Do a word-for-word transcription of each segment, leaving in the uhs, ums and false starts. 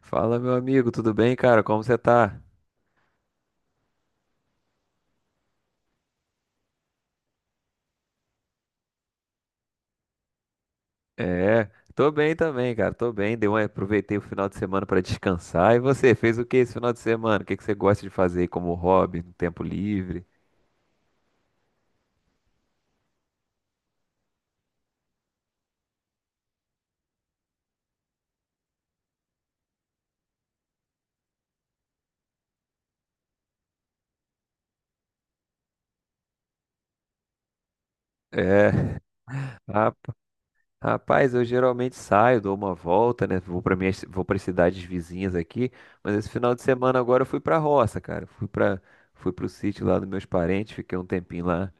Fala, meu amigo, tudo bem, cara? Como você tá? É, tô bem também, cara. Tô bem. Dei um, aproveitei o final de semana pra descansar. E você, fez o que esse final de semana? O que que você gosta de fazer aí como hobby, no tempo livre? É, rap- rapaz, eu geralmente saio, dou uma volta, né? Vou para minhas, vou para cidades vizinhas aqui, mas esse final de semana agora eu fui pra roça, cara. Fui pra, fui pro sítio lá dos meus parentes, fiquei um tempinho lá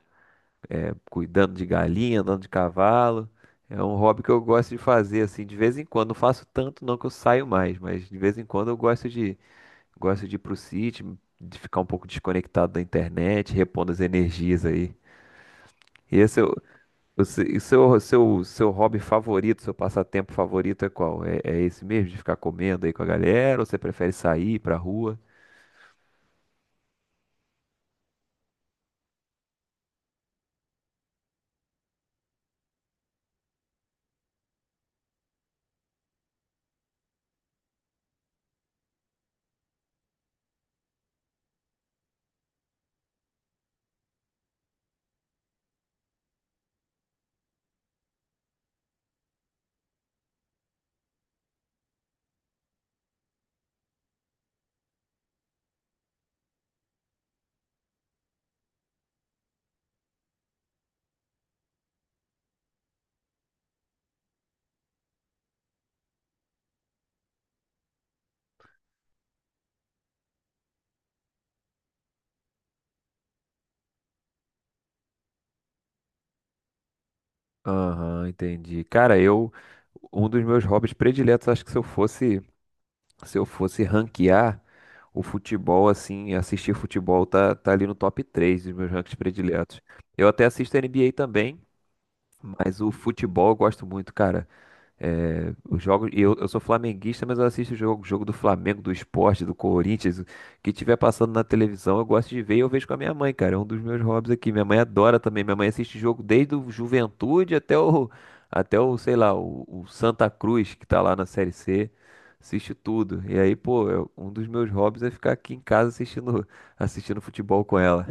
cuidando de galinha, andando de cavalo. É um hobby que eu gosto de fazer assim de vez em quando. Não faço tanto não que eu saio mais, mas de vez em quando eu gosto de gosto de ir pro sítio, de ficar um pouco desconectado da internet, repondo as energias aí. E esse é o o se- e seu, seu, seu hobby favorito, seu passatempo favorito é qual? É, é esse mesmo, de ficar comendo aí com a galera, ou você prefere sair pra rua? Aham, entendi. Cara, eu, um dos meus hobbies prediletos, acho que se eu fosse se eu fosse ranquear o futebol, assim, assistir futebol tá, tá ali no top três dos meus rankings prediletos. Eu até assisto N B A também, mas o futebol eu gosto muito, cara. É, os jogos, e eu, eu sou flamenguista, mas eu assisto o jogo, jogo do Flamengo, do esporte, do Corinthians, o que tiver passando na televisão, eu gosto de ver e eu vejo com a minha mãe, cara. É um dos meus hobbies aqui. Minha mãe adora também. Minha mãe assiste jogo desde o Juventude até o, até o, sei lá, o, o Santa Cruz, que tá lá na Série cê. Assiste tudo. E aí, pô, eu- um dos meus hobbies é ficar aqui em casa assistindo, assistindo futebol com ela.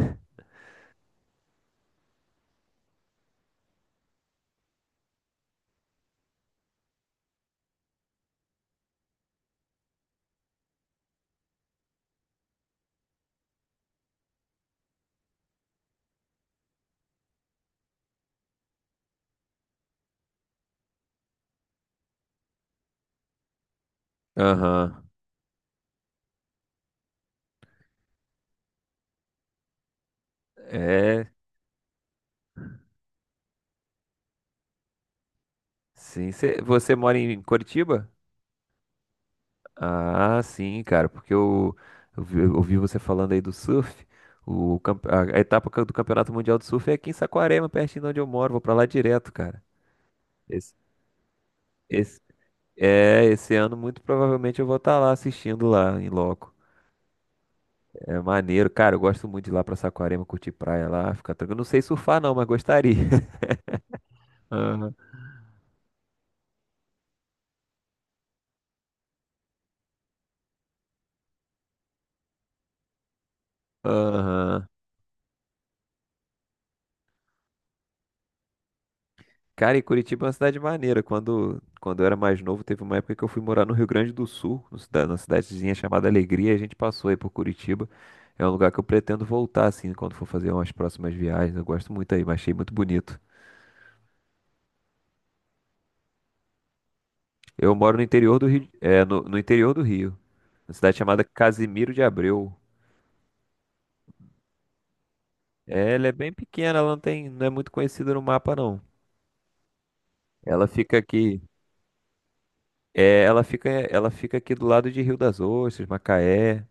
Aham. É. Sim. Cê- você mora em Curitiba? Ah, sim, cara, porque eu, eu vi, eu ouvi você falando aí do surf. O, campe- a, a etapa ca- do Campeonato Mundial de Surf é aqui em Saquarema, pertinho de onde eu moro. Vou pra lá direto, cara. Esse, esse, é, esse ano, muito provavelmente, eu vou estar lá assistindo lá em loco. É maneiro, cara. Eu gosto muito de ir lá pra Saquarema, curtir praia lá, ficar tranquilo. Não sei surfar, não, mas gostaria. Aham. Aham. Cara, e Curitiba é uma cidade maneira. Quando, quando eu era mais novo, teve uma época que eu fui morar no Rio Grande do Sul, no cida- numa cidadezinha chamada Alegria, e a gente passou aí por Curitiba. É um lugar que eu pretendo voltar, assim, quando for fazer umas próximas viagens. Eu gosto muito aí, mas achei muito bonito. Eu moro no interior do Rio, é, no, no interior do Rio, na cidade chamada Casimiro de Abreu. É, ela é bem pequena, ela não tem, não é muito conhecida no mapa, não. Ela fica aqui, é, ela fica, ela fica aqui do lado de Rio das Ostras, Macaé.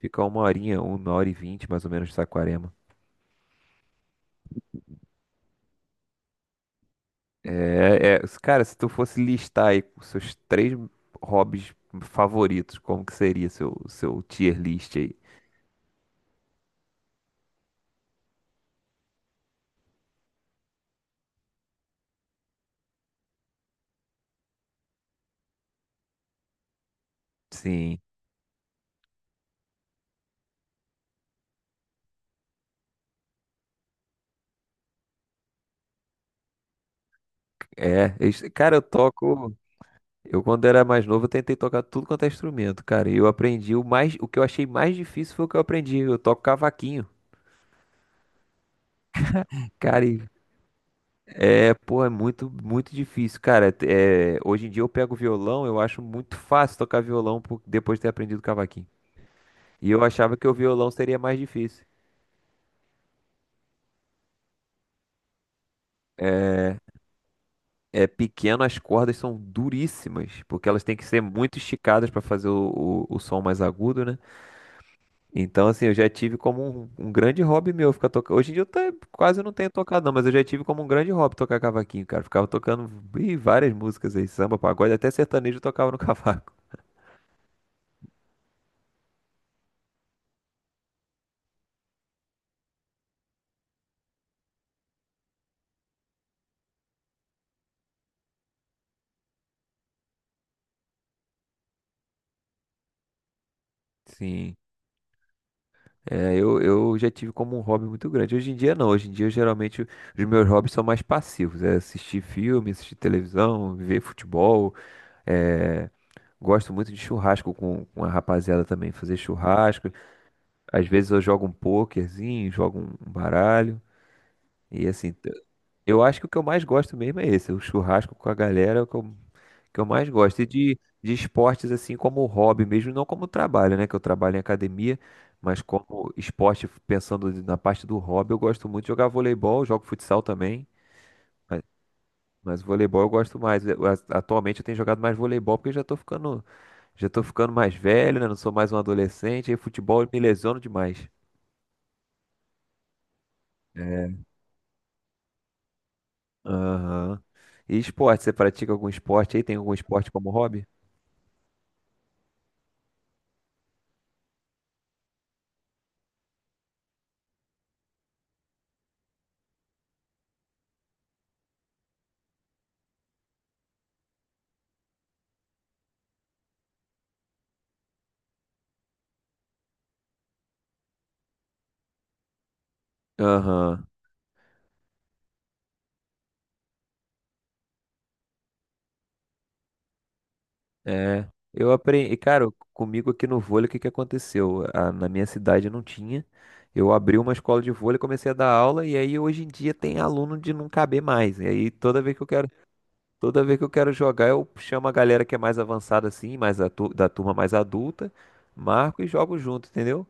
Fica uma horinha, uma hora e vinte mais ou menos de Saquarema. É, é, cara, se tu fosse listar aí os seus três hobbies favoritos, como que seria seu seu tier list aí? Sim, é. es- cara, eu toco. Eu quando era mais novo, eu tentei tocar tudo quanto é instrumento, cara. E eu aprendi o mais, o que eu achei mais difícil foi o que eu aprendi. Eu toco cavaquinho, cara. E é, pô, é muito, muito difícil, cara. É, hoje em dia eu pego violão, eu acho muito fácil tocar violão por- depois de ter aprendido cavaquinho. E eu achava que o violão seria mais difícil. É, é pequeno, as cordas são duríssimas, porque elas têm que ser muito esticadas para fazer o, o, o som mais agudo, né? Então, assim, eu já tive como um, um grande hobby meu ficar tocando. Hoje em dia eu até quase não tenho tocado, não, mas eu já tive como um grande hobby tocar cavaquinho, cara. Ficava tocando ih, várias músicas aí, samba, pagode, até sertanejo eu tocava no cavaco. Sim. É, eu, eu já tive como um hobby muito grande. Hoje em dia não, hoje em dia geralmente os meus hobbies são mais passivos. É assistir filme, assistir televisão, ver futebol. é, Gosto muito de churrasco com, com a rapaziada também, fazer churrasco. Às vezes eu jogo um pokerzinho, jogo um um baralho. E assim, t- eu acho que o que eu mais gosto mesmo é esse, o churrasco com a galera, é o que eu que eu mais gosto. E de, de esportes assim como hobby mesmo, não como trabalho, né? Que eu trabalho em academia, mas como esporte, pensando na parte do hobby, eu gosto muito de jogar voleibol, jogo futsal também. Mas, mas voleibol eu gosto mais. Eu- a- atualmente eu tenho jogado mais voleibol porque eu já tô ficando, já tô ficando mais velho, né? Não sou mais um adolescente, e futebol eu me lesiono demais. É. Aham. E esporte, você pratica algum esporte aí? Tem algum esporte como hobby? Aham. É, eu aprendi, cara, comigo aqui no vôlei, o que que aconteceu? A- na minha cidade não tinha. Eu abri uma escola de vôlei, comecei a dar aula e aí hoje em dia tem aluno de não caber mais. E aí toda vez que eu quero, toda vez que eu quero jogar, eu chamo a galera que é mais avançada assim, mais a tu- da turma mais adulta, marco e jogo junto, entendeu?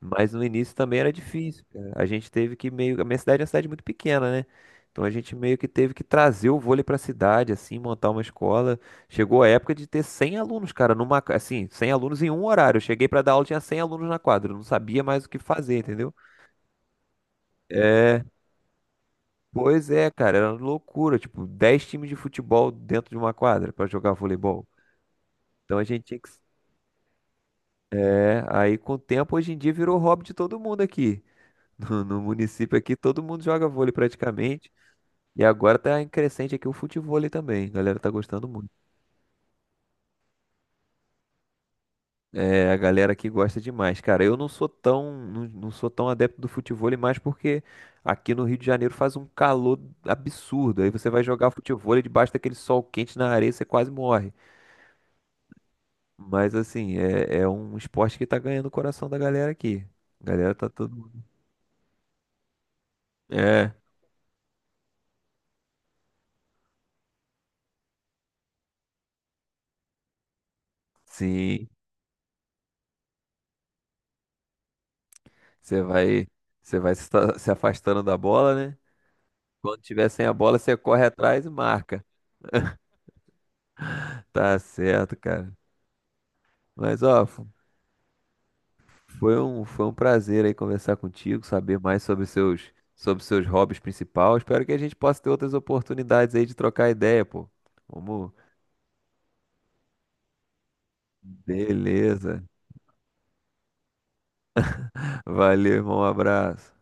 Mas no início também era difícil, cara. A gente teve que meio. A minha cidade é uma cidade muito pequena, né? Então a gente meio que teve que trazer o vôlei pra cidade, assim, montar uma escola. Chegou a época de ter cem alunos, cara, numa. ca- assim, cem alunos em um horário. Eu cheguei pra dar aula, tinha cem alunos na quadra. Eu não sabia mais o que fazer, entendeu? Pois é, cara, era loucura. Tipo, dez times de futebol dentro de uma quadra pra jogar voleibol. Então a gente tinha que. É, aí com o tempo, hoje em dia virou hobby de todo mundo aqui. No, no município aqui, todo mundo joga vôlei praticamente. E agora tá em crescente aqui o futevôlei também. A galera tá gostando muito. É, a galera aqui gosta demais. Cara, eu não sou tão, não, não sou tão adepto do futevôlei mais porque aqui no Rio de Janeiro faz um calor absurdo. Aí você vai jogar futevôlei debaixo daquele sol quente na areia, você quase morre. Mas assim, é, é um esporte que tá ganhando o coração da galera aqui. A galera tá todo. É, sim. Você vai, você vai se se afastando da bola, né? Quando tiver sem a bola, você corre atrás e marca. Tá certo, cara. Mas ó, f- foi um, foi um prazer aí conversar contigo, saber mais sobre seus sobre seus hobbies principais. Espero que a gente possa ter outras oportunidades aí de trocar ideia, pô. Vamos. Beleza. Valeu, irmão. Um abraço.